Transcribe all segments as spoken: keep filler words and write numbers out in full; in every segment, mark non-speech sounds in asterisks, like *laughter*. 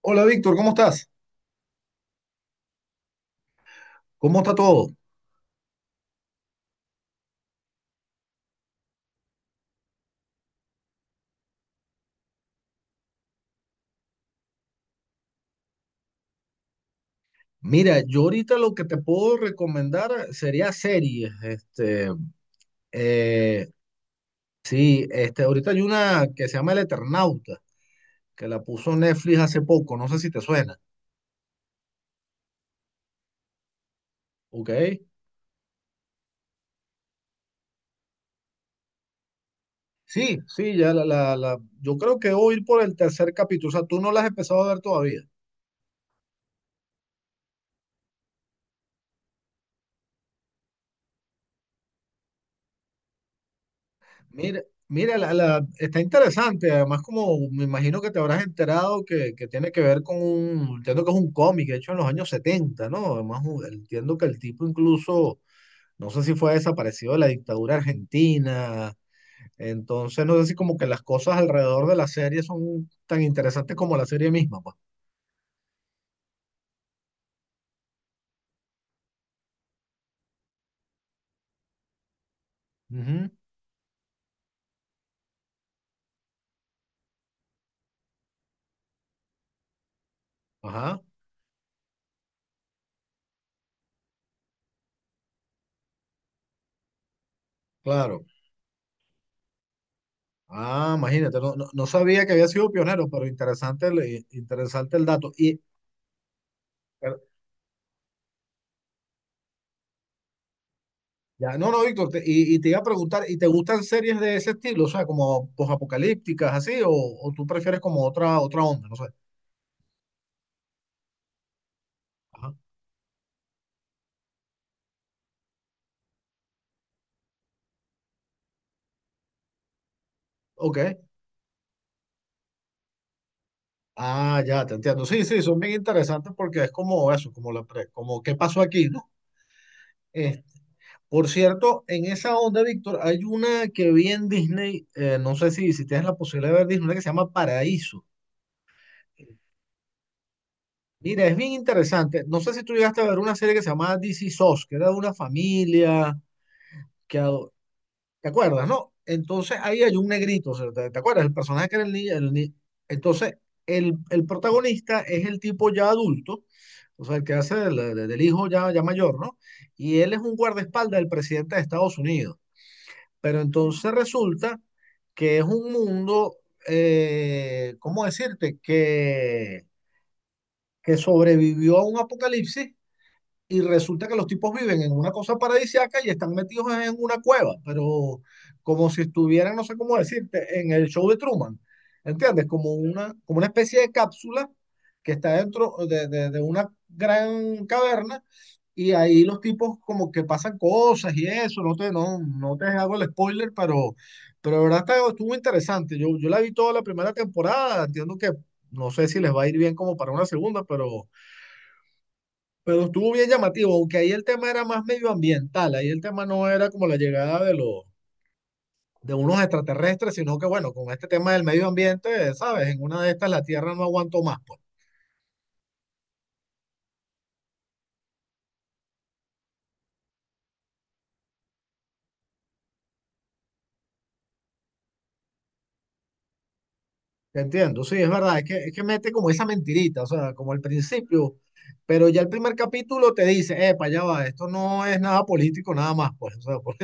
Hola Víctor, ¿cómo estás? ¿Cómo está todo? Mira, yo ahorita lo que te puedo recomendar sería series. Este, eh, sí, este, ahorita hay una que se llama El Eternauta, que la puso Netflix hace poco, no sé si te suena. ¿Ok? Sí, sí, ya la, la, la- yo creo que voy a ir por el tercer capítulo, o sea, tú no la has empezado a ver todavía. Mira, mira la, la- está interesante. Además, como me imagino que te habrás enterado que, que tiene que ver con un, entiendo que es un cómic hecho en los años setenta, ¿no? Además, u- entiendo que el tipo incluso, no sé si fue desaparecido de la dictadura argentina. Entonces, no sé si como que las cosas alrededor de la serie son tan interesantes como la serie misma, pues. Ujú. Ajá, claro. Ah, imagínate, no, no, no sabía que había sido pionero, pero interesante el, eh, interesante el dato. Y, ya, no, no, Víctor, te- y, y te iba a preguntar, ¿y te gustan series de ese estilo? O sea, como posapocalípticas, así, o, o tú prefieres como otra, otra onda, no sé. Ajá. Ok. Ah, ya, te entiendo. Sí, sí, son bien interesantes porque es como eso, como la pre- como qué pasó aquí, ¿no? Eh, por cierto, en esa onda, Víctor, hay una que vi en Disney, eh, no sé si, si tienes la posibilidad de ver Disney, una que se llama Paraíso. Mira, es bien interesante. No sé si tú llegaste a ver una serie que se llamaba This Is Us, que era de una familia que, ado- ¿te acuerdas, no? Entonces ahí hay un negrito, o sea, ¿te, te acuerdas? El personaje que era el niño. El ni- Entonces, el, el protagonista es el tipo ya adulto, o sea, el que hace del, del- del hijo ya, ya mayor, ¿no? Y él es un guardaespaldas del presidente de Estados Unidos. Pero entonces resulta que es un mundo, eh, ¿cómo decirte? Que, que sobrevivió a un apocalipsis y resulta que los tipos viven en una cosa paradisíaca y están metidos en una cueva, pero como si estuvieran, no sé cómo decirte, en el show de Truman, ¿entiendes? Como una, como una especie de cápsula que está dentro de, de- de una gran caverna y ahí los tipos como que pasan cosas y eso, no te, no, no te hago el spoiler, pero, pero de verdad está- estuvo interesante. Yo, yo la vi toda la primera temporada, entiendo que no sé si les va a ir bien como para una segunda, pero... Pero estuvo bien llamativo, aunque ahí el tema era más medioambiental, ahí el tema no era como la llegada de los, de unos extraterrestres, sino que bueno, con este tema del medio ambiente, sabes, en una de estas la Tierra no aguantó más, pues. Te entiendo, sí, es verdad, es que, es que mete como esa mentirita, o sea, como al principio, pero ya el primer capítulo te dice, epa, ya va, esto no es nada político, nada más, pues, o sea, *laughs* pues,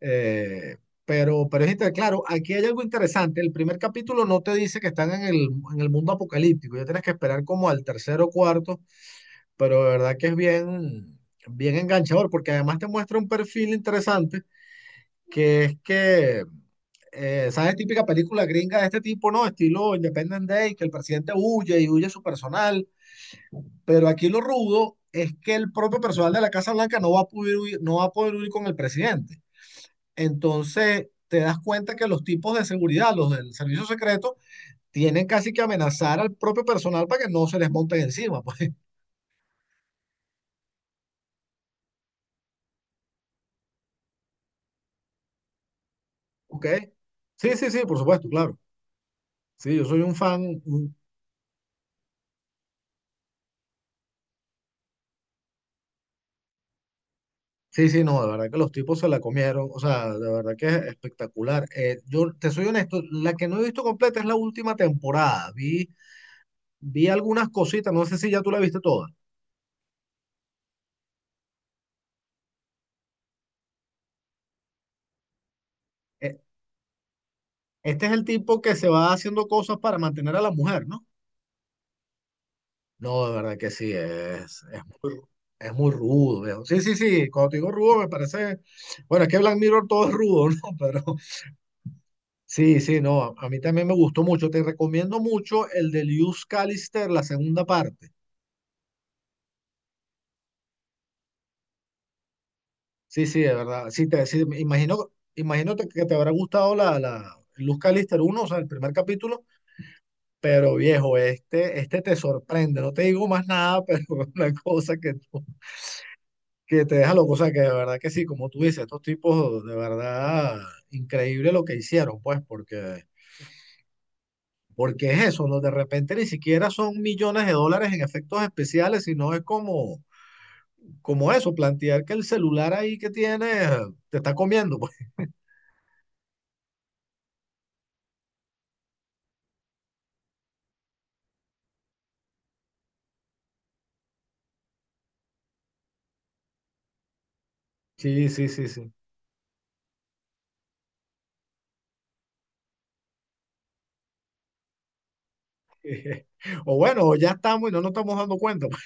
Eh, pero, pero es inter- claro, aquí hay algo interesante. El primer capítulo no te dice que están en el, en el mundo apocalíptico. Ya tienes que esperar como al tercero o cuarto, pero de verdad que es bien, bien enganchador, porque además te muestra un perfil interesante, que es que, eh, ¿sabes? Típica película gringa de este tipo, ¿no? Estilo Independent Day, que el presidente huye y huye su personal. Pero aquí lo rudo es que el propio personal de la Casa Blanca no va a poder huir- no va a poder huir con el presidente. Entonces, te das cuenta que los tipos de seguridad, los del servicio secreto, tienen casi que amenazar al propio personal para que no se les monten encima, pues, *laughs* ¿ok? Sí, sí, sí, por supuesto, claro. Sí, yo soy un fan. un- Sí, sí, no, de verdad que los tipos se la comieron, o sea, de verdad que es espectacular. Eh, yo te soy honesto, la que no he visto completa es la última temporada. Vi, vi algunas cositas, no sé si ya tú la viste toda. Eh, este es el tipo que se va haciendo cosas para mantener a la mujer, ¿no? No, de verdad que sí, es, es muy, es muy rudo, viejo. Sí, sí, sí, cuando te digo rudo me parece, bueno, es que Black Mirror todo es rudo, *laughs* ¿no? Pero sí, sí, no, a, a mí también me gustó mucho. Te recomiendo mucho el de Luz Callister, la segunda parte. Sí, sí, de verdad. Sí, te, sí, me imagino, imagínate que te habrá gustado la, la Luz Callister uno o sea, el primer capítulo, pero viejo, este, este te sorprende, no te digo más nada, *laughs* pero una cosa que tú que te deja loco. O sea, que de verdad que sí, como tú dices, estos tipos de verdad increíble lo que hicieron, pues, porque, porque es eso, ¿no? De repente ni siquiera son millones de dólares en efectos especiales, sino es como, como eso, plantear que el celular ahí que tienes te está comiendo, pues. *laughs* Sí, sí, sí, sí. *laughs* O bueno, ya estamos y no nos estamos dando cuenta. Pues.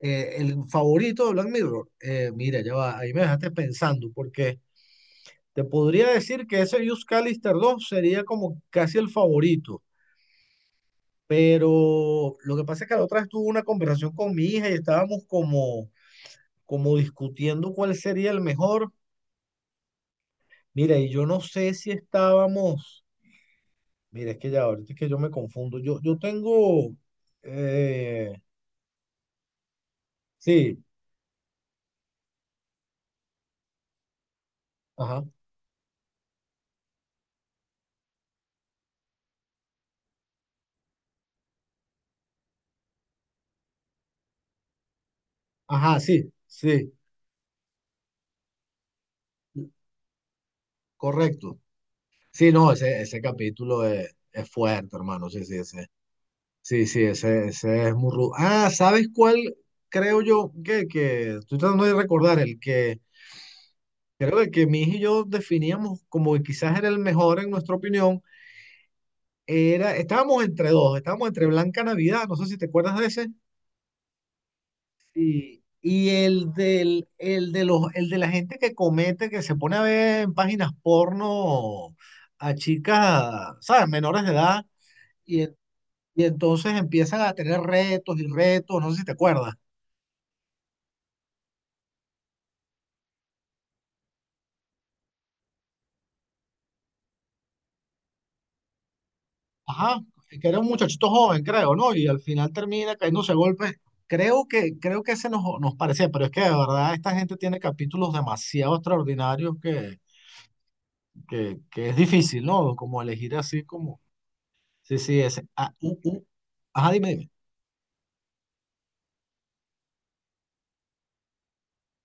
Eh, el favorito de Black Mirror, eh, mira, ya va, ahí me dejaste pensando, porque te podría decir que ese Use Callister dos sería como casi el favorito. Pero lo que pasa es que la otra vez tuve una conversación con mi hija y estábamos como, como discutiendo cuál sería el mejor. Mira, y yo no sé si estábamos. Mira, es que ya ahorita es que yo me confundo. Yo, yo tengo. eh, sí, ajá. Ajá, sí, sí, correcto. Sí, no, ese, ese capítulo es, es fuerte, hermano. Sí, sí, ese. Sí, sí, ese, ese es muy rudo. Ah, ¿sabes cuál creo yo que, que estoy tratando de recordar? El que creo que que mi hija y yo definíamos como que quizás era el mejor en nuestra opinión. Era, estábamos entre dos, estábamos entre Blanca Navidad, no sé si te acuerdas de ese, y, y el del, el de los, el de la gente que comete, que se pone a ver en páginas porno a chicas, ¿sabes? Menores de edad, y, en- y entonces empiezan a tener retos y retos, no sé si te acuerdas. Ajá, que era un muchachito joven, creo, ¿no? Y al final termina cayéndose a golpes. Creo que, creo que ese nos, nos parecía, pero es que de verdad esta gente tiene capítulos demasiado extraordinarios que, que, que es difícil, ¿no? Como elegir así como... Sí, sí, ese... ah, u- u- Ajá, dime, dime.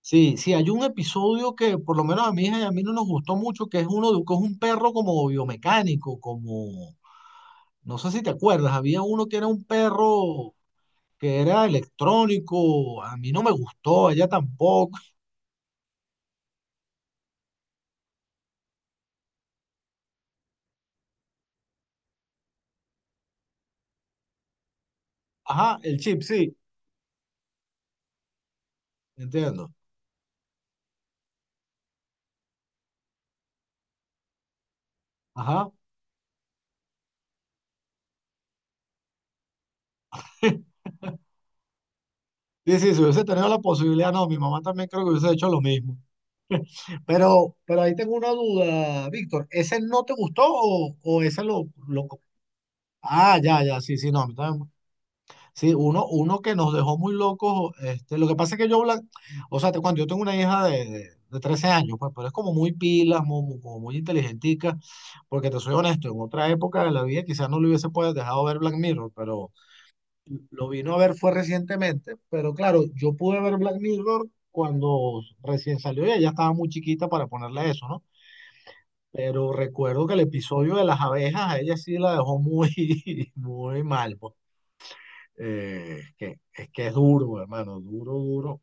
Sí, sí, hay un episodio que por lo menos a mi hija y a mí no nos gustó mucho, que es uno de que es un perro como biomecánico, como... No sé si te acuerdas, había uno que era un perro que era electrónico, a mí no me gustó, a ella tampoco. Ajá, el chip, sí, entiendo. Ajá. *laughs* Sí, sí, si hubiese tenido la posibilidad, no, mi mamá también creo que hubiese hecho lo mismo. Pero, pero ahí tengo una duda, Víctor, ¿ese no te gustó o, o ese lo, lo... co- ah, ya, ya, sí, sí, no, a mí también sí, uno, uno que nos dejó muy locos. Este, lo que pasa es que yo, la- o sea, te cuento, yo tengo una hija de, de, de trece años, pues, pero es como muy pilas, mu- mu- como muy, inteligentica, porque te soy honesto, en otra época de la vida quizás no le hubiese podido dejado ver Black Mirror, pero lo vino a ver fue recientemente, pero claro, yo pude ver Black Mirror cuando recién salió y ella estaba muy chiquita para ponerle eso, ¿no? Pero recuerdo que el episodio de las abejas a ella sí la dejó muy, *laughs* muy mal, pues. Eh, es que, es que es duro, hermano, duro, duro.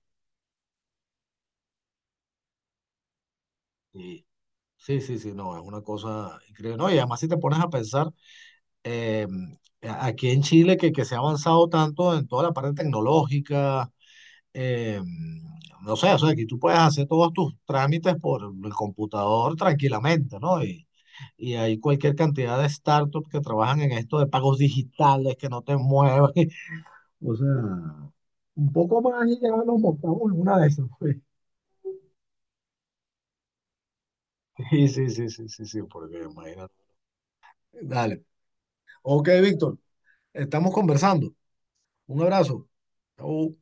Y sí, sí, sí, no, es una cosa increíble. No, y además si te pones a pensar, eh, a- aquí en Chile que, que se ha avanzado tanto en toda la parte tecnológica, eh, no sé, o sea, aquí tú puedes hacer todos tus trámites por el computador tranquilamente, ¿no? Y, y hay cualquier cantidad de startups que trabajan en esto de pagos digitales, que no te mueven. *laughs* O sea, un poco más y ya nos montamos en una de esas, pues. Sí, sí, sí, sí, sí, sí, porque imagínate. Dale. Ok, Víctor, estamos conversando. Un abrazo. Chau.